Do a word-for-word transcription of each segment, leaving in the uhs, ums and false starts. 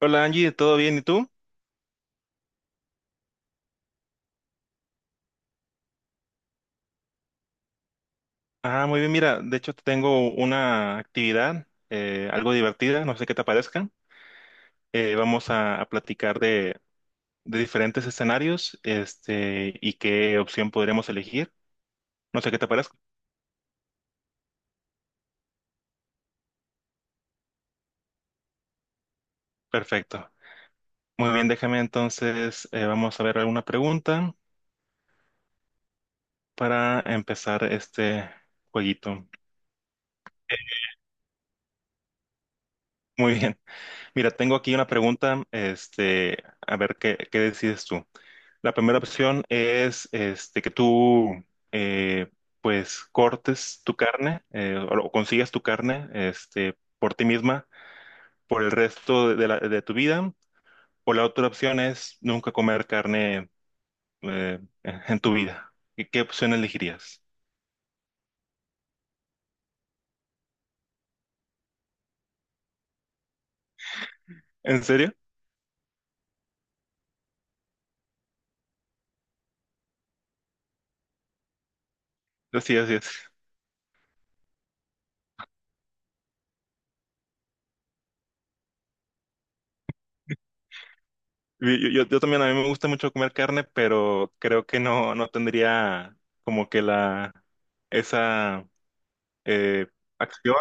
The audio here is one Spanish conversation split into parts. Hola Angie, ¿todo bien? ¿Y tú? Ah, muy bien, mira, de hecho te tengo una actividad, eh, algo divertida, no sé qué te parezca. Eh, vamos a, a platicar de, de diferentes escenarios, este, y qué opción podríamos elegir. No sé qué te parezca. Perfecto. Muy bien, déjame entonces, eh, vamos a ver alguna pregunta para empezar este jueguito. Muy bien. Mira, tengo aquí una pregunta, este, a ver qué, qué decides tú. La primera opción es este, que tú eh, pues cortes tu carne, eh, o lo- consigas tu carne, este, por ti misma, por el resto de, la- de tu vida. O la otra opción es nunca comer carne, eh, en tu vida. ¿Y qué opción elegirías? ¿En serio? Sí, así es. Yo, yo- yo también, a mí me gusta mucho comer carne, pero creo que no, no tendría como que la, esa, eh, acción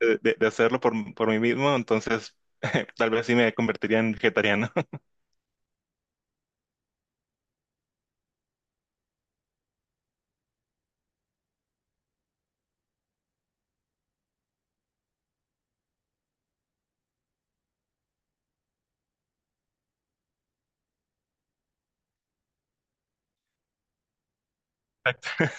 de, de- de hacerlo por, por mí mismo, entonces tal vez sí me convertiría en vegetariano.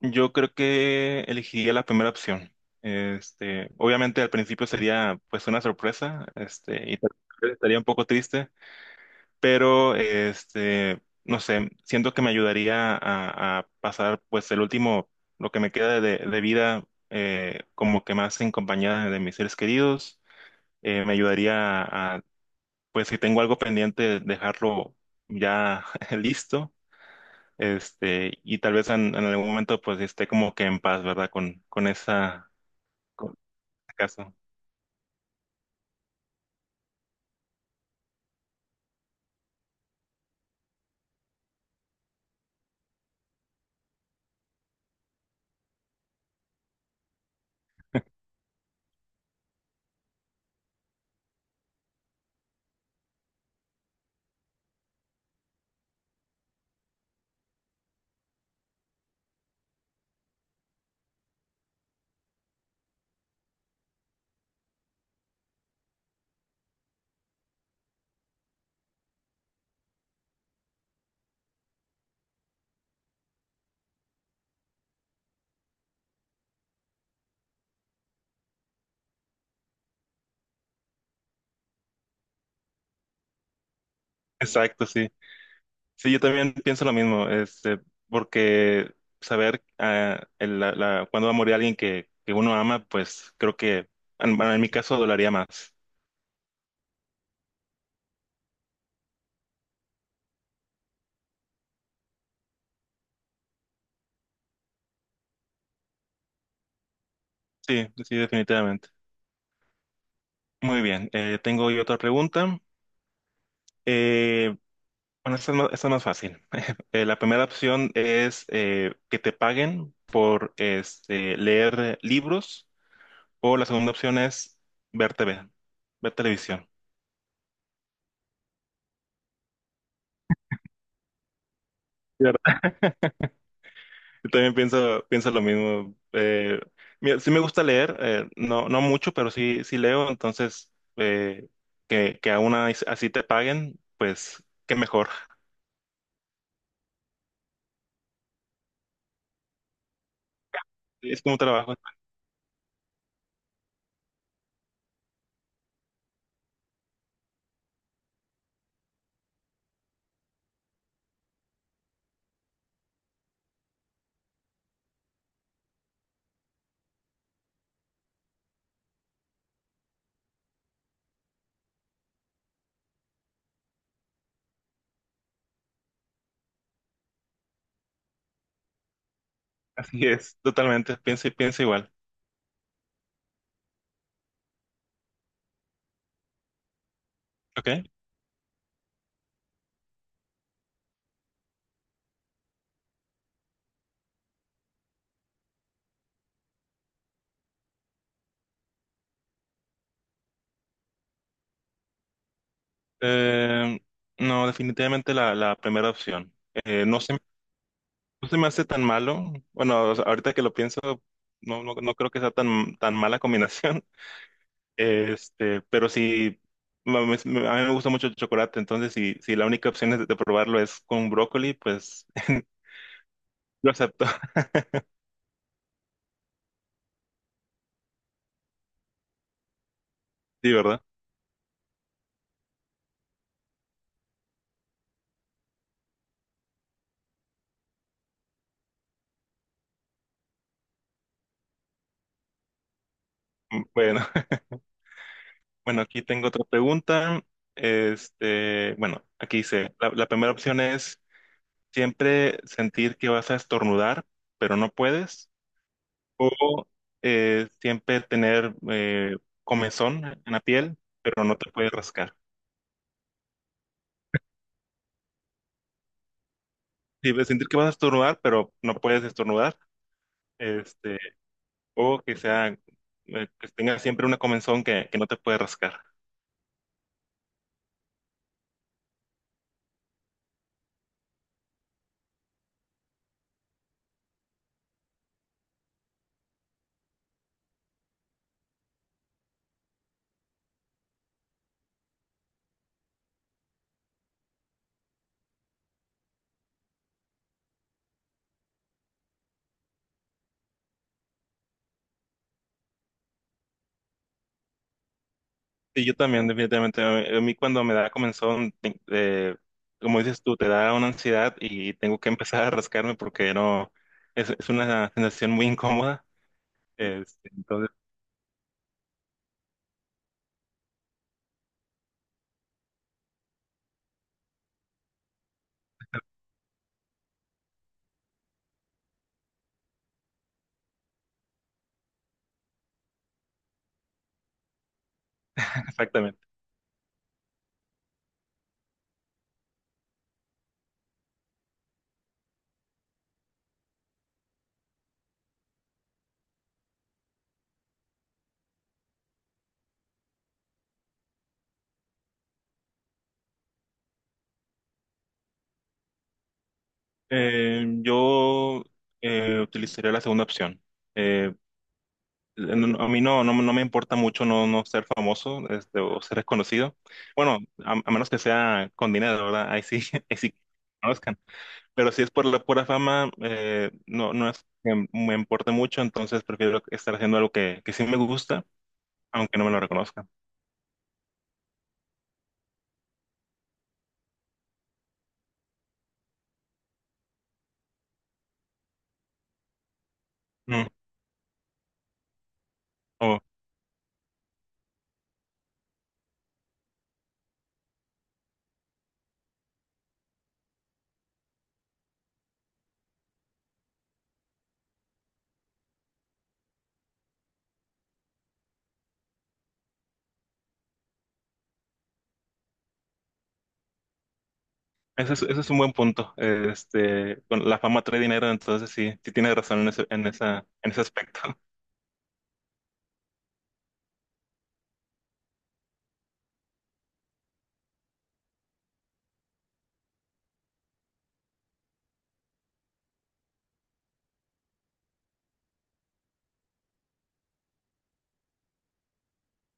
Yo creo que elegiría la primera opción. Este, obviamente al principio sería pues una sorpresa, este, y tal vez estaría un poco triste, pero este, no sé, siento que me ayudaría a, a pasar pues el último, lo que me queda de, de vida, eh, como que más en compañía de mis seres queridos. Eh, me ayudaría a, a, pues si tengo algo pendiente, dejarlo ya listo, este, y tal vez en, en algún momento pues esté como que en paz, ¿verdad? Con, con esa, con ese caso. Exacto, sí. Sí, yo también pienso lo mismo, este, porque saber, ah, el- la, la- cuándo va a morir alguien que, que uno ama, pues creo que en, bueno, en mi caso dolería más. Sí, sí, definitivamente. Muy bien, eh, tengo yo otra pregunta. Eh, bueno, esta es más, esta es más fácil. Eh, la primera opción es, eh, que te paguen por, este, leer libros, o la segunda opción es ver T V, ver televisión. Yo también pienso, pienso lo mismo. Eh, mira, sí me gusta leer, eh, no, no mucho, pero sí, sí leo, entonces, eh, que, que aún as- así te paguen, pues qué mejor. Sí, es como un trabajo. Así es, totalmente, pienso, pienso igual. ¿Ok? Eh, no, definitivamente la, la primera opción. Eh, no se, no se me hace tan malo. Bueno, o sea, ahorita que lo pienso, no, no, no creo que sea tan, tan mala combinación. Este, pero si a mí me gusta mucho el chocolate, entonces si, si la única opción es de probarlo es con brócoli, pues lo acepto. Sí, ¿verdad? Mm, bueno, bueno, aquí tengo otra pregunta. Este, bueno, aquí dice, la, la primera opción es siempre sentir que vas a estornudar, pero no puedes, o eh, siempre tener, eh, comezón en la piel, pero no te puedes rascar. Sí, sentir que vas a estornudar, pero no puedes estornudar. Este, o que sea, eh, que tenga siempre una comenzón que, que no te puede rascar. Sí, yo también, definitivamente. A a mí cuando me da comenzón, te- eh, como dices tú, te da una ansiedad y tengo que empezar a rascarme porque no, es, es una sensación muy incómoda. Este, entonces, exactamente. Eh, yo, eh, utilizaría la segunda opción. eh, no- A mí no, no, no me importa mucho no, no ser famoso, este, o ser reconocido. Bueno, a, a menos que sea con dinero, ¿verdad? Ahí sí, ahí sí que me conozcan. Pero si es por la pura fama, eh, no, no es que me importe mucho, entonces prefiero estar haciendo algo que, que sí me gusta, aunque no me lo reconozcan. Mm. Oh, ese es, ese es un buen punto. Este, con la fama trae dinero, entonces sí, sí tienes razón en ese, en esa, en ese aspecto.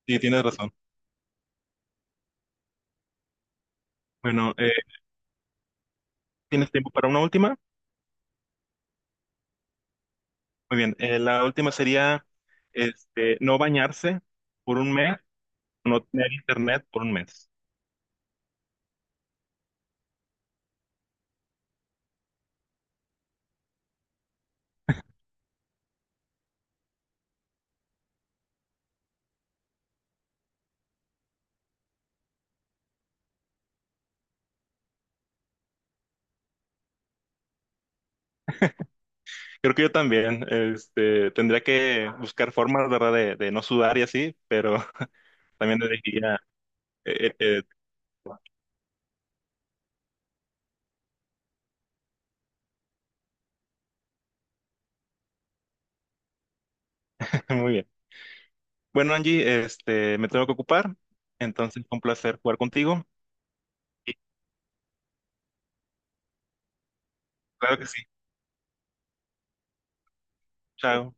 Sí, tienes razón. Bueno, eh, ¿tienes tiempo para una última? Muy bien, eh, la última sería este, no bañarse por un mes, no tener internet por un mes. Creo que yo también, este, tendría que buscar formas, ¿verdad?, de, de no sudar y así, pero también elegiría... eh, eh, eh, muy bien. Bueno, Angie, este, me tengo que ocupar, entonces fue un placer jugar contigo. Y claro que sí. Chao.